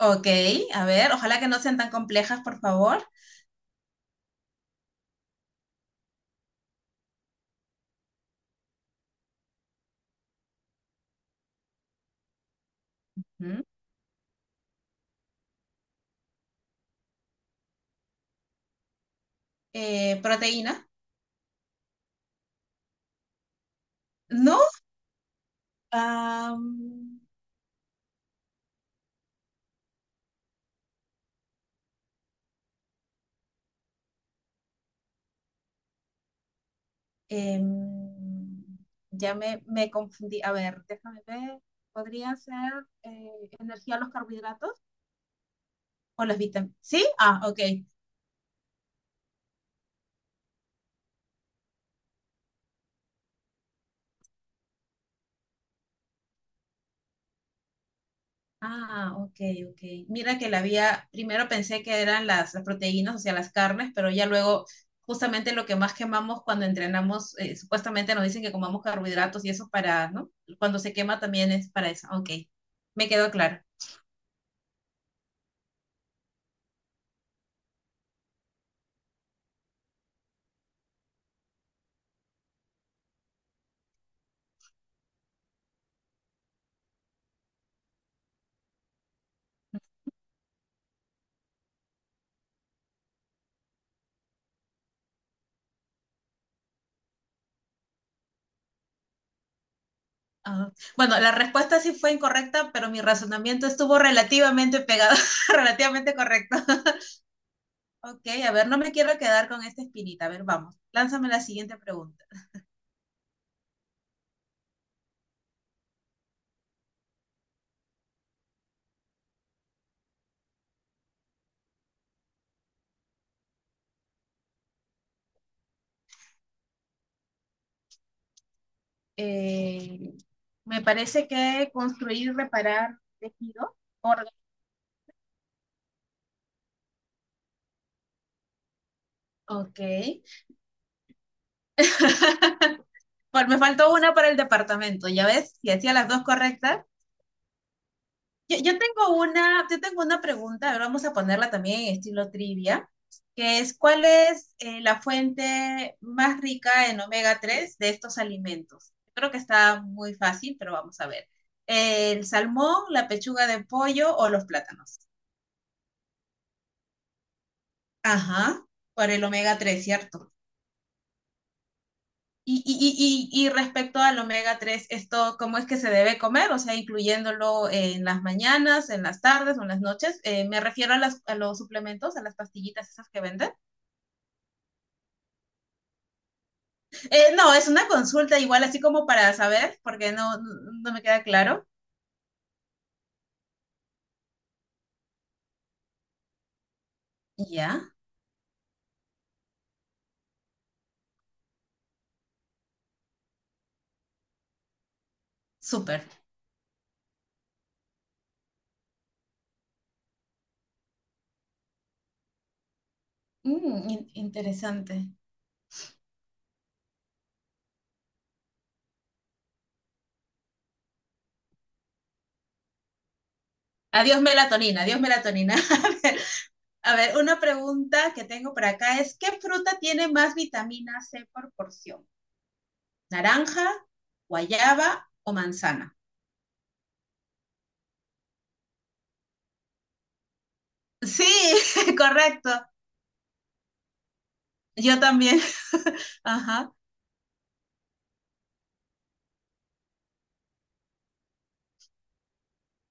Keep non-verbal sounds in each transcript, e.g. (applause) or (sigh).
Ok, a ver, ojalá que no sean tan complejas, por favor. ¿Mm? Proteína. No. am, em, ya me confundí. A ver, déjame ver. ¿Podría ser eh, energía a los carbohidratos o las vitaminas? Sí, ah, ok. Ah, ok, ok. Mira que la había, primero pensé que eran las proteínas, o sea, las carnes, pero ya luego, justamente lo que más quemamos cuando entrenamos, supuestamente nos dicen que comamos carbohidratos y eso para, ¿no? Cuando se quema también es para eso. Ok, me quedó claro. Ah, bueno, la respuesta sí fue incorrecta, pero mi razonamiento estuvo relativamente pegado, (laughs) relativamente correcto. Ok, a ver, no me quiero quedar con esta espinita. A ver, vamos, lánzame la siguiente pregunta. Eh, me parece que construir, reparar tejido, órgano. Ok. (laughs) Pues me faltó una para el departamento, ya ves, si hacía las dos correctas. Yo tengo una pregunta, ahora vamos a ponerla también en estilo trivia, que es ¿cuál es la fuente más rica en omega 3 de estos alimentos? Creo que está muy fácil, pero vamos a ver. ¿El salmón, la pechuga de pollo o los plátanos? Ajá, por el omega tres, ¿cierto? Y respecto al omega 3 esto, ¿cómo es que se debe comer? O sea, incluyéndolo en las mañanas, en las tardes o en las noches. Me refiero a, a, los suplementos, a las pastillitas esas que venden. No, es una consulta igual, así como para saber, porque no, no me queda claro. Ya, yeah, súper. Mm, interesante. Adiós melatonina, adiós melatonina. (laughs) A ver, una pregunta que tengo por acá es, ¿qué fruta tiene más vitamina C por porción? Naranja, guayaba o manzana. Sí, (laughs) correcto. Yo también. Ajá.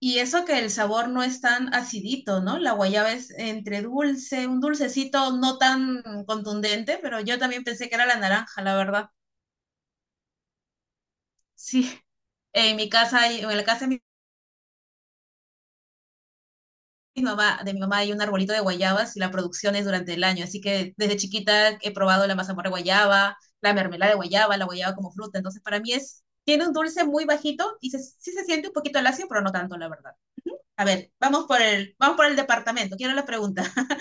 Y eso que el sabor no es tan acidito, ¿no? La guayaba es entre dulce, un dulcecito no tan contundente, pero yo también pensé que era la naranja, la verdad. Sí. En mi casa, hay- en la casa de mi mi mamá, de mi mamá hay un arbolito de guayabas y la producción es durante el año, así que desde chiquita he probado la mazamorra de guayaba, la mermelada de guayaba, la guayaba como fruta, entonces para mí es, tiene un dulce muy bajito y sí se siente un poquito lacio, pero no tanto, la verdad. A ver, vamos por el departamento, quiero la pregunta. (laughs)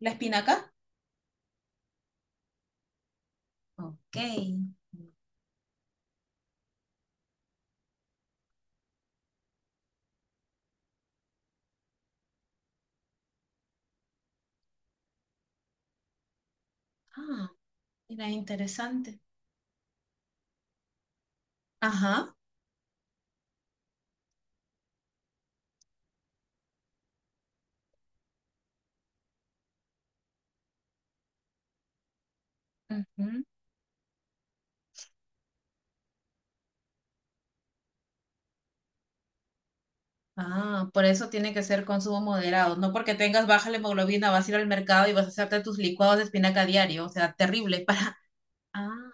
¿La espinaca? Ok. Ah, mira, interesante. Ajá. Ujú. Ah, por eso tiene que ser consumo moderado. No porque tengas baja la hemoglobina, vas a ir al mercado y vas a hacerte tus licuados de espinaca a diario. O sea, terrible (laughs) para... Ah,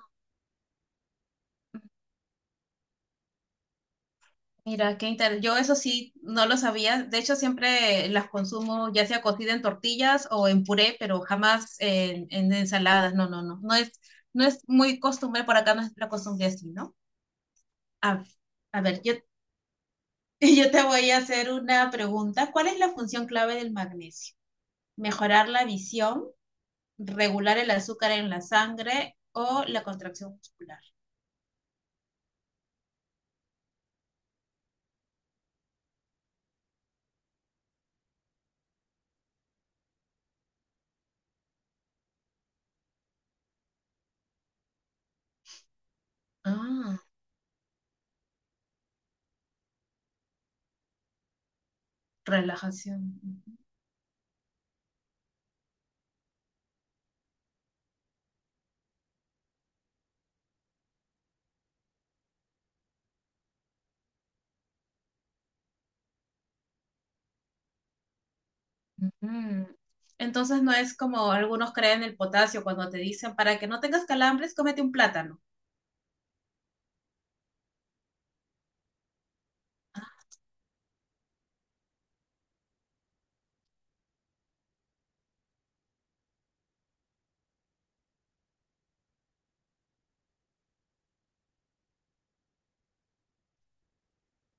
mira, qué interesante. Yo eso sí no lo sabía. De hecho, siempre las consumo ya sea cocida en tortillas o en puré, pero jamás en ensaladas. No, no, no. No es, no es muy costumbre por acá, no es la costumbre así, ¿no? A, a ver, yo, (laughs) yo te voy a hacer una pregunta. ¿Cuál es la función clave del magnesio? ¿Mejorar la visión, regular el azúcar en la sangre o la contracción muscular? Ah, relajación. Ujú. Entonces no es como algunos creen el potasio cuando te dicen, para que no tengas calambres, cómete un plátano. Ah,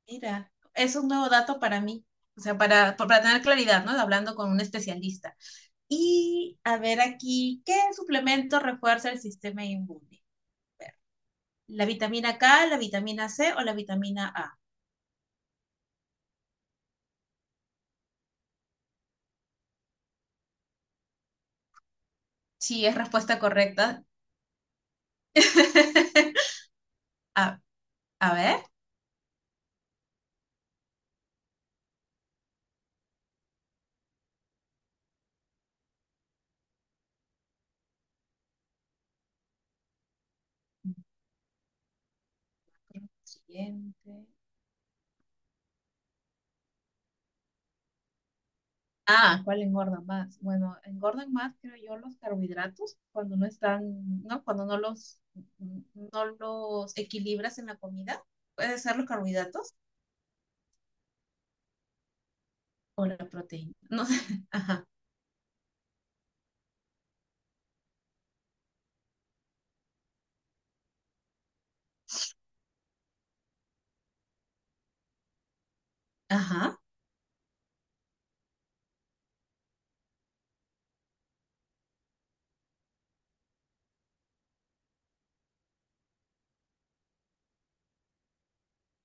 mira, es un nuevo dato para mí. O sea, para tener claridad, ¿no? Hablando con un especialista. Y a ver aquí, ¿qué suplemento refuerza el sistema inmune? ¿La vitamina K, la vitamina C o la vitamina A? Sí, es respuesta correcta. (laughs) A, a ver. Siguiente. Ah, ¿cuál engorda más? Bueno, engordan más, creo yo, los carbohidratos cuando no están, ¿no? Cuando no los equilibras en la comida. Puede ser los carbohidratos o la proteína. No sé. (laughs) Ajá. Ajá.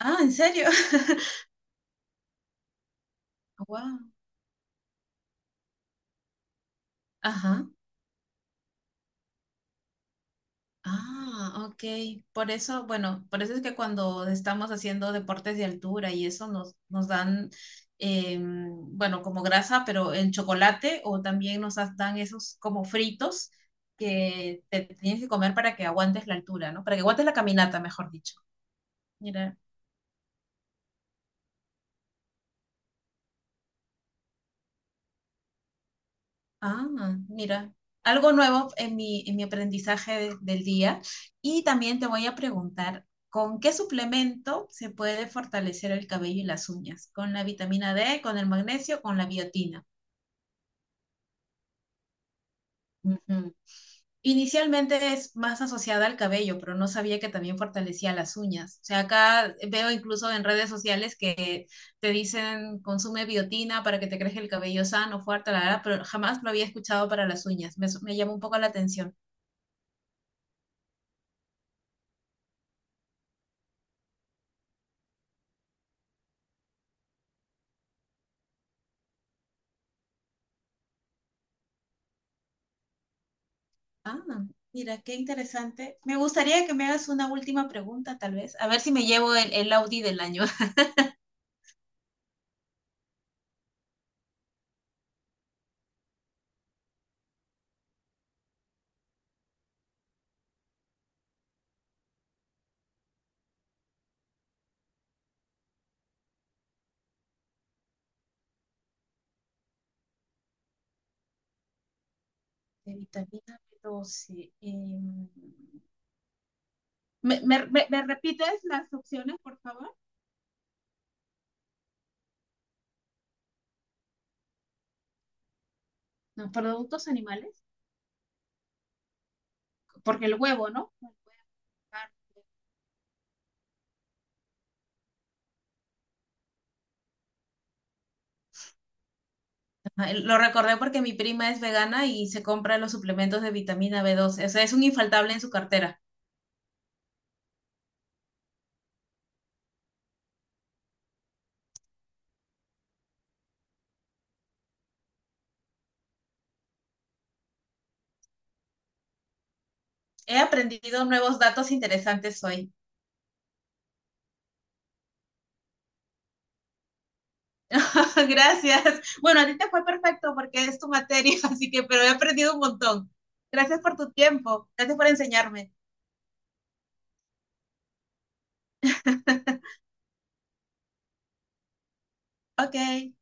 Ah, ¿en serio? (laughs) Wow. Ajá. Ah, ok. Por eso, bueno, por eso es que cuando estamos haciendo deportes de altura y eso nos dan, bueno, como grasa, pero en chocolate o también dan esos como fritos que te tienes que comer para que aguantes la altura, ¿no? Para que aguantes la caminata, mejor dicho. Mira. Ah, mira, algo nuevo en en mi aprendizaje del día. Y también te voy a preguntar, ¿con qué suplemento se puede fortalecer el cabello y las uñas? ¿Con la vitamina D, con el magnesio, con la biotina? Ujú. Inicialmente es más asociada al cabello, pero no sabía que también fortalecía las uñas. O sea, acá veo incluso en redes sociales que te dicen consume biotina para que te crezca el cabello sano, fuerte, la verdad. Pero jamás lo había escuchado para las uñas. Me llama un poco la atención. Ah, mira, qué interesante. Me gustaría que me hagas una última pregunta, tal vez. A ver si me llevo el Audi del año. (laughs) De vitamina B12. Me repites las opciones, por favor? No, productos animales. Porque el huevo, ¿no? El huevo, carne. Ajá, el- Lo recordé porque mi prima es vegana y se compra los suplementos de vitamina B12. O sea, es un infaltable en su cartera. He aprendido nuevos datos interesantes hoy. (laughs) Gracias. Bueno, a ti te fue perfecto porque es tu materia, (laughs) así que, pero he aprendido un montón. Gracias por tu tiempo. Gracias por enseñarme. Ok.